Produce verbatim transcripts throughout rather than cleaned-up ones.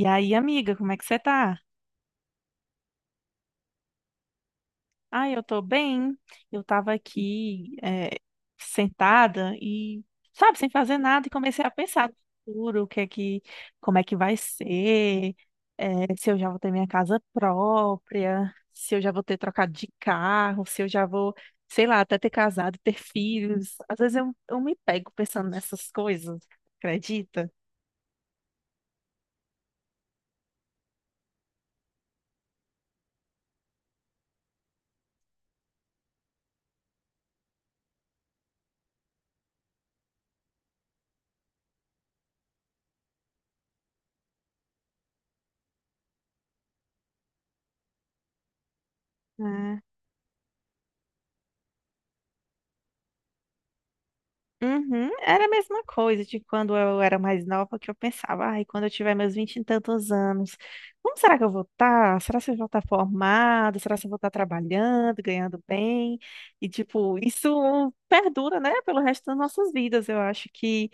E aí, amiga, como é que você tá? Ah, eu tô bem. Eu tava aqui, eh, sentada e, sabe, sem fazer nada e comecei a pensar no futuro, o que é que, como é que vai ser, eh, se eu já vou ter minha casa própria, se eu já vou ter trocado de carro, se eu já vou, sei lá, até ter casado, ter filhos. Às vezes eu, eu me pego pensando nessas coisas, acredita? Uhum, era a mesma coisa de quando eu era mais nova, que eu pensava, ai, quando eu tiver meus vinte e tantos anos, como será que eu vou estar? Será que eu vou estar formada? Será que eu vou estar trabalhando, ganhando bem? E, tipo, isso perdura, né, pelo resto das nossas vidas. Eu acho que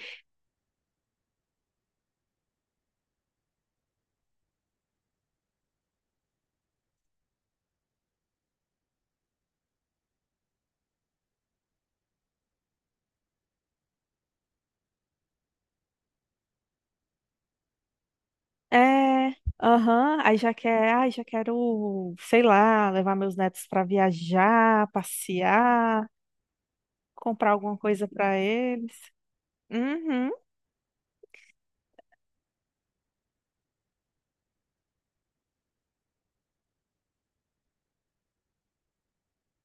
é, aham, aí já quer, ai, já quero, sei lá, levar meus netos para viajar, passear, comprar alguma coisa para eles. Uhum.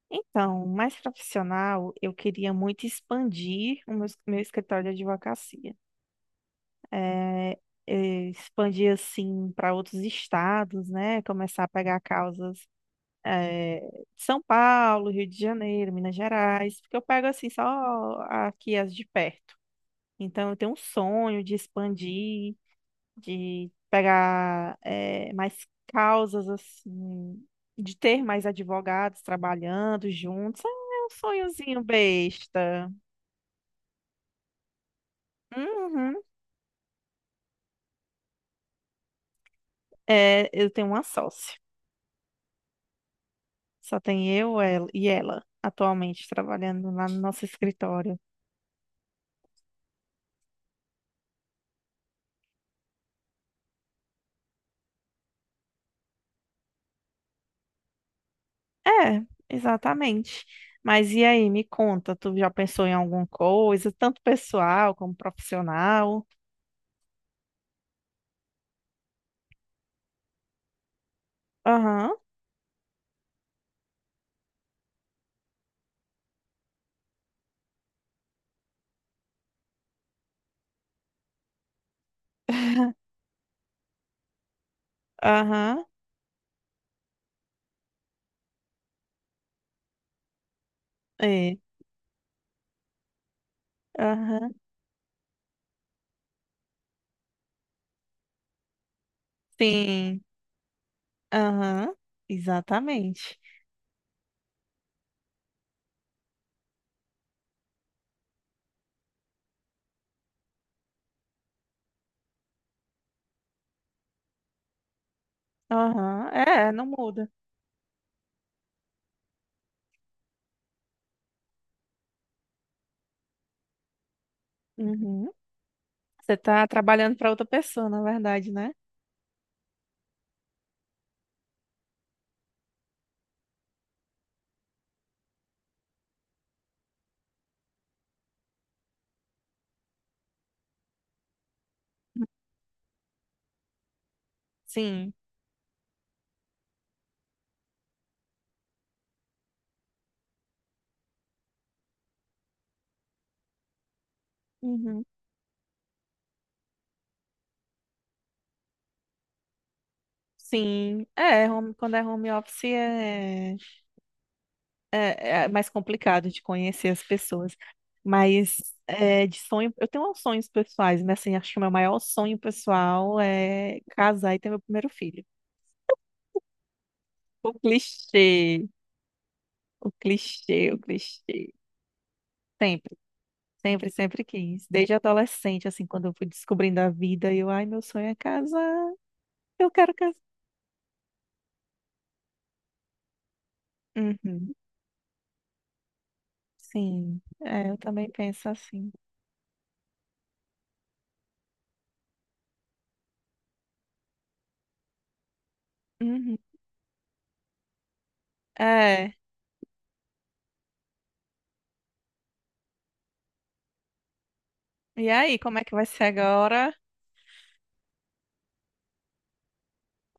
Então, mais profissional, eu queria muito expandir o meu, meu escritório de advocacia. É, é, Expandir, assim, para outros estados, né? Começar a pegar causas, é, de São Paulo, Rio de Janeiro, Minas Gerais, porque eu pego, assim, só aqui as de perto. Então, eu tenho um sonho de expandir, de pegar eh, mais causas assim, de ter mais advogados trabalhando juntos. É um sonhozinho besta. Uhum. É, eu tenho uma sócia. Só tem eu ela, e ela atualmente trabalhando lá no nosso escritório. É, exatamente. Mas e aí, me conta, tu já pensou em alguma coisa, tanto pessoal como profissional? Aham, aham, é, aham, sim. Aham, exatamente. Aham, é, não muda. Uhum. Você tá trabalhando para outra pessoa, na verdade, né? Sim. Uhum. Sim, é, home- quando é home office é, é, é mais complicado de conhecer as pessoas. Mas é, de sonho, eu tenho uns sonhos pessoais, mas assim, acho que o meu maior sonho pessoal é casar e ter meu primeiro filho. O clichê, o clichê, o clichê. sempre Sempre, sempre quis. Desde adolescente, assim, quando eu fui descobrindo a vida, eu, ai, meu sonho é casar, eu quero casar. Uhum. Sim, é, eu também penso assim. Uhum. É, e aí, como é que vai ser agora?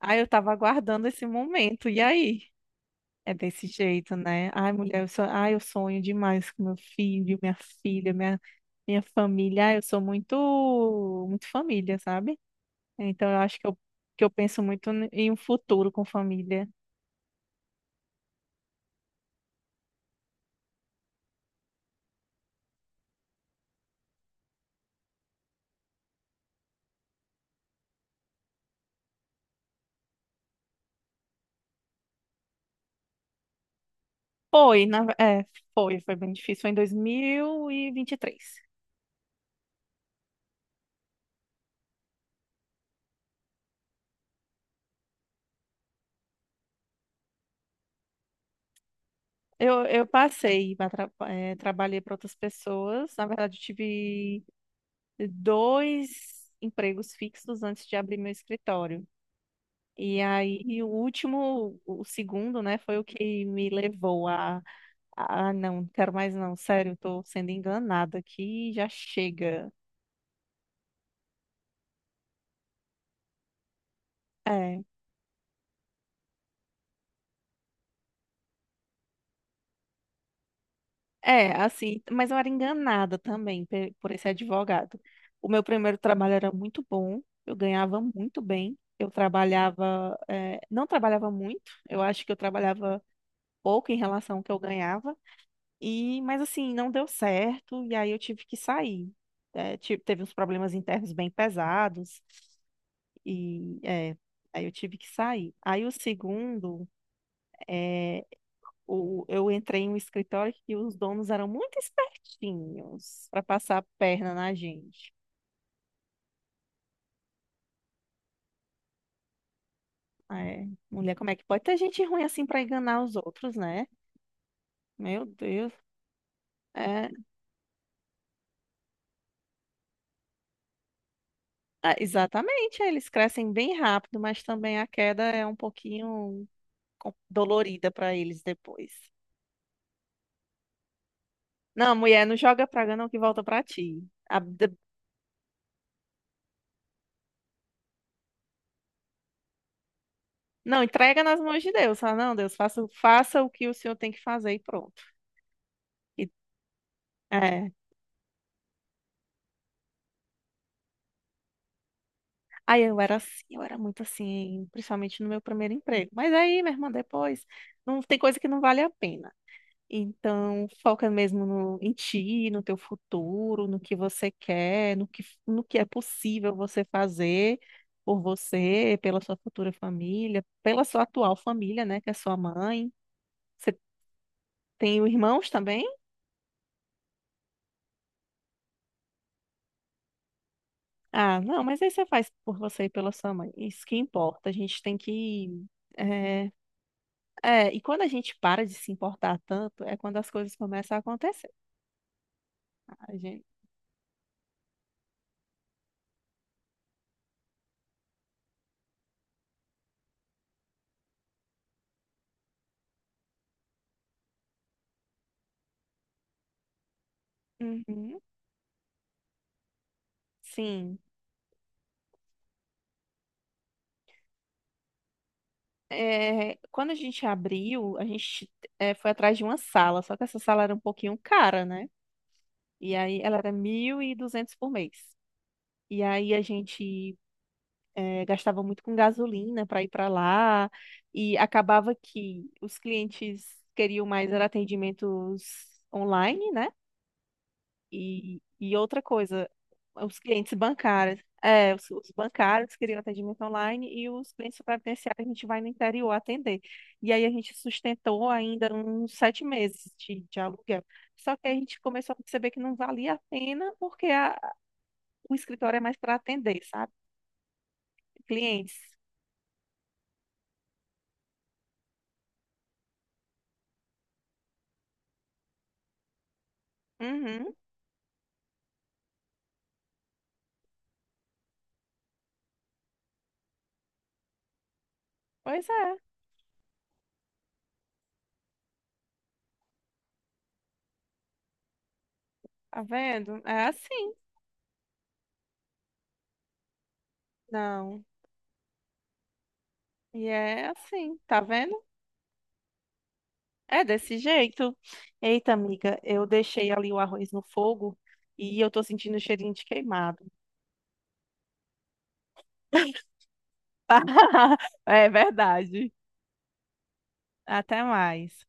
Ai, eu tava aguardando esse momento, e aí? É desse jeito, né? Ai, mulher, eu sou... ai, eu sonho demais com meu filho, minha filha, minha, minha família. Ai, eu sou muito, muito família, sabe? Então, eu acho que eu, que eu penso muito n- em um futuro com família. Foi, na, é, foi, foi bem difícil. Foi em dois mil e e vinte e três. Eu, eu passei, pra tra- é, trabalhei para outras pessoas. Na verdade, eu tive dois empregos fixos antes de abrir meu escritório. E aí, e o último, o segundo, né, foi o que me levou a, a, "Ah, não, não quero mais não, sério, estou sendo enganada aqui, já chega." É, É, assim, mas eu era enganada também pe- por esse advogado. O meu primeiro trabalho era muito bom, eu ganhava muito bem, eu trabalhava, eh, não trabalhava muito, eu acho que eu trabalhava pouco em relação ao que eu ganhava, e, mas assim, não deu certo, e aí eu tive que sair. É, ti- teve uns problemas internos bem pesados, e é, aí eu tive que sair. Aí o segundo, eh, o- eu entrei em um escritório que os donos eram muito espertinhos para passar a perna na gente. Ah, é, mulher, como é que pode ter gente ruim assim para enganar os outros, né? Meu Deus. É, ah, exatamente, eles crescem bem rápido, mas também a queda é um pouquinho com- dolorida para eles depois. Não, mulher, não joga praga não que volta para ti. A- de- não, entrega nas mãos de Deus. Ah, não, Deus, faça, faça o que o senhor tem que fazer e pronto. E, é. Aí eu era assim, eu era muito assim, principalmente no meu primeiro emprego. Mas aí, minha irmã, depois, não tem coisa que não vale a pena. Então, foca mesmo no, em ti, no teu futuro, no que você quer, no que, no que é possível você fazer por você, pela sua futura família, pela sua atual família, né, que é sua mãe. Você tem irmãos também? Ah, não, mas aí você faz por você e pela sua mãe. Isso que importa. A gente tem que eh, é, e quando a gente para de se importar tanto, é quando as coisas começam a acontecer. A gente... Uhum, sim. É, quando a gente abriu, a gente é, foi atrás de uma sala, só que essa sala era um pouquinho cara, né? E aí ela era mil e duzentos por mês. E aí a gente é, gastava muito com gasolina para ir para lá, e acabava que os clientes queriam mais era atendimentos online, né? E, e outra coisa, os clientes bancários. É, os, os bancários queriam atendimento online e os clientes previdenciários a gente vai no interior atender. E aí a gente sustentou ainda uns sete meses de, de aluguel. Só que aí a gente começou a perceber que não valia a pena porque a- o escritório é mais para atender, sabe? Clientes. Uhum. Pois é, tá vendo? É assim. Não. E é assim, tá vendo? É desse jeito. Eita, amiga, eu deixei ali o arroz no fogo e eu tô sentindo o cheirinho de queimado. É verdade. Até mais.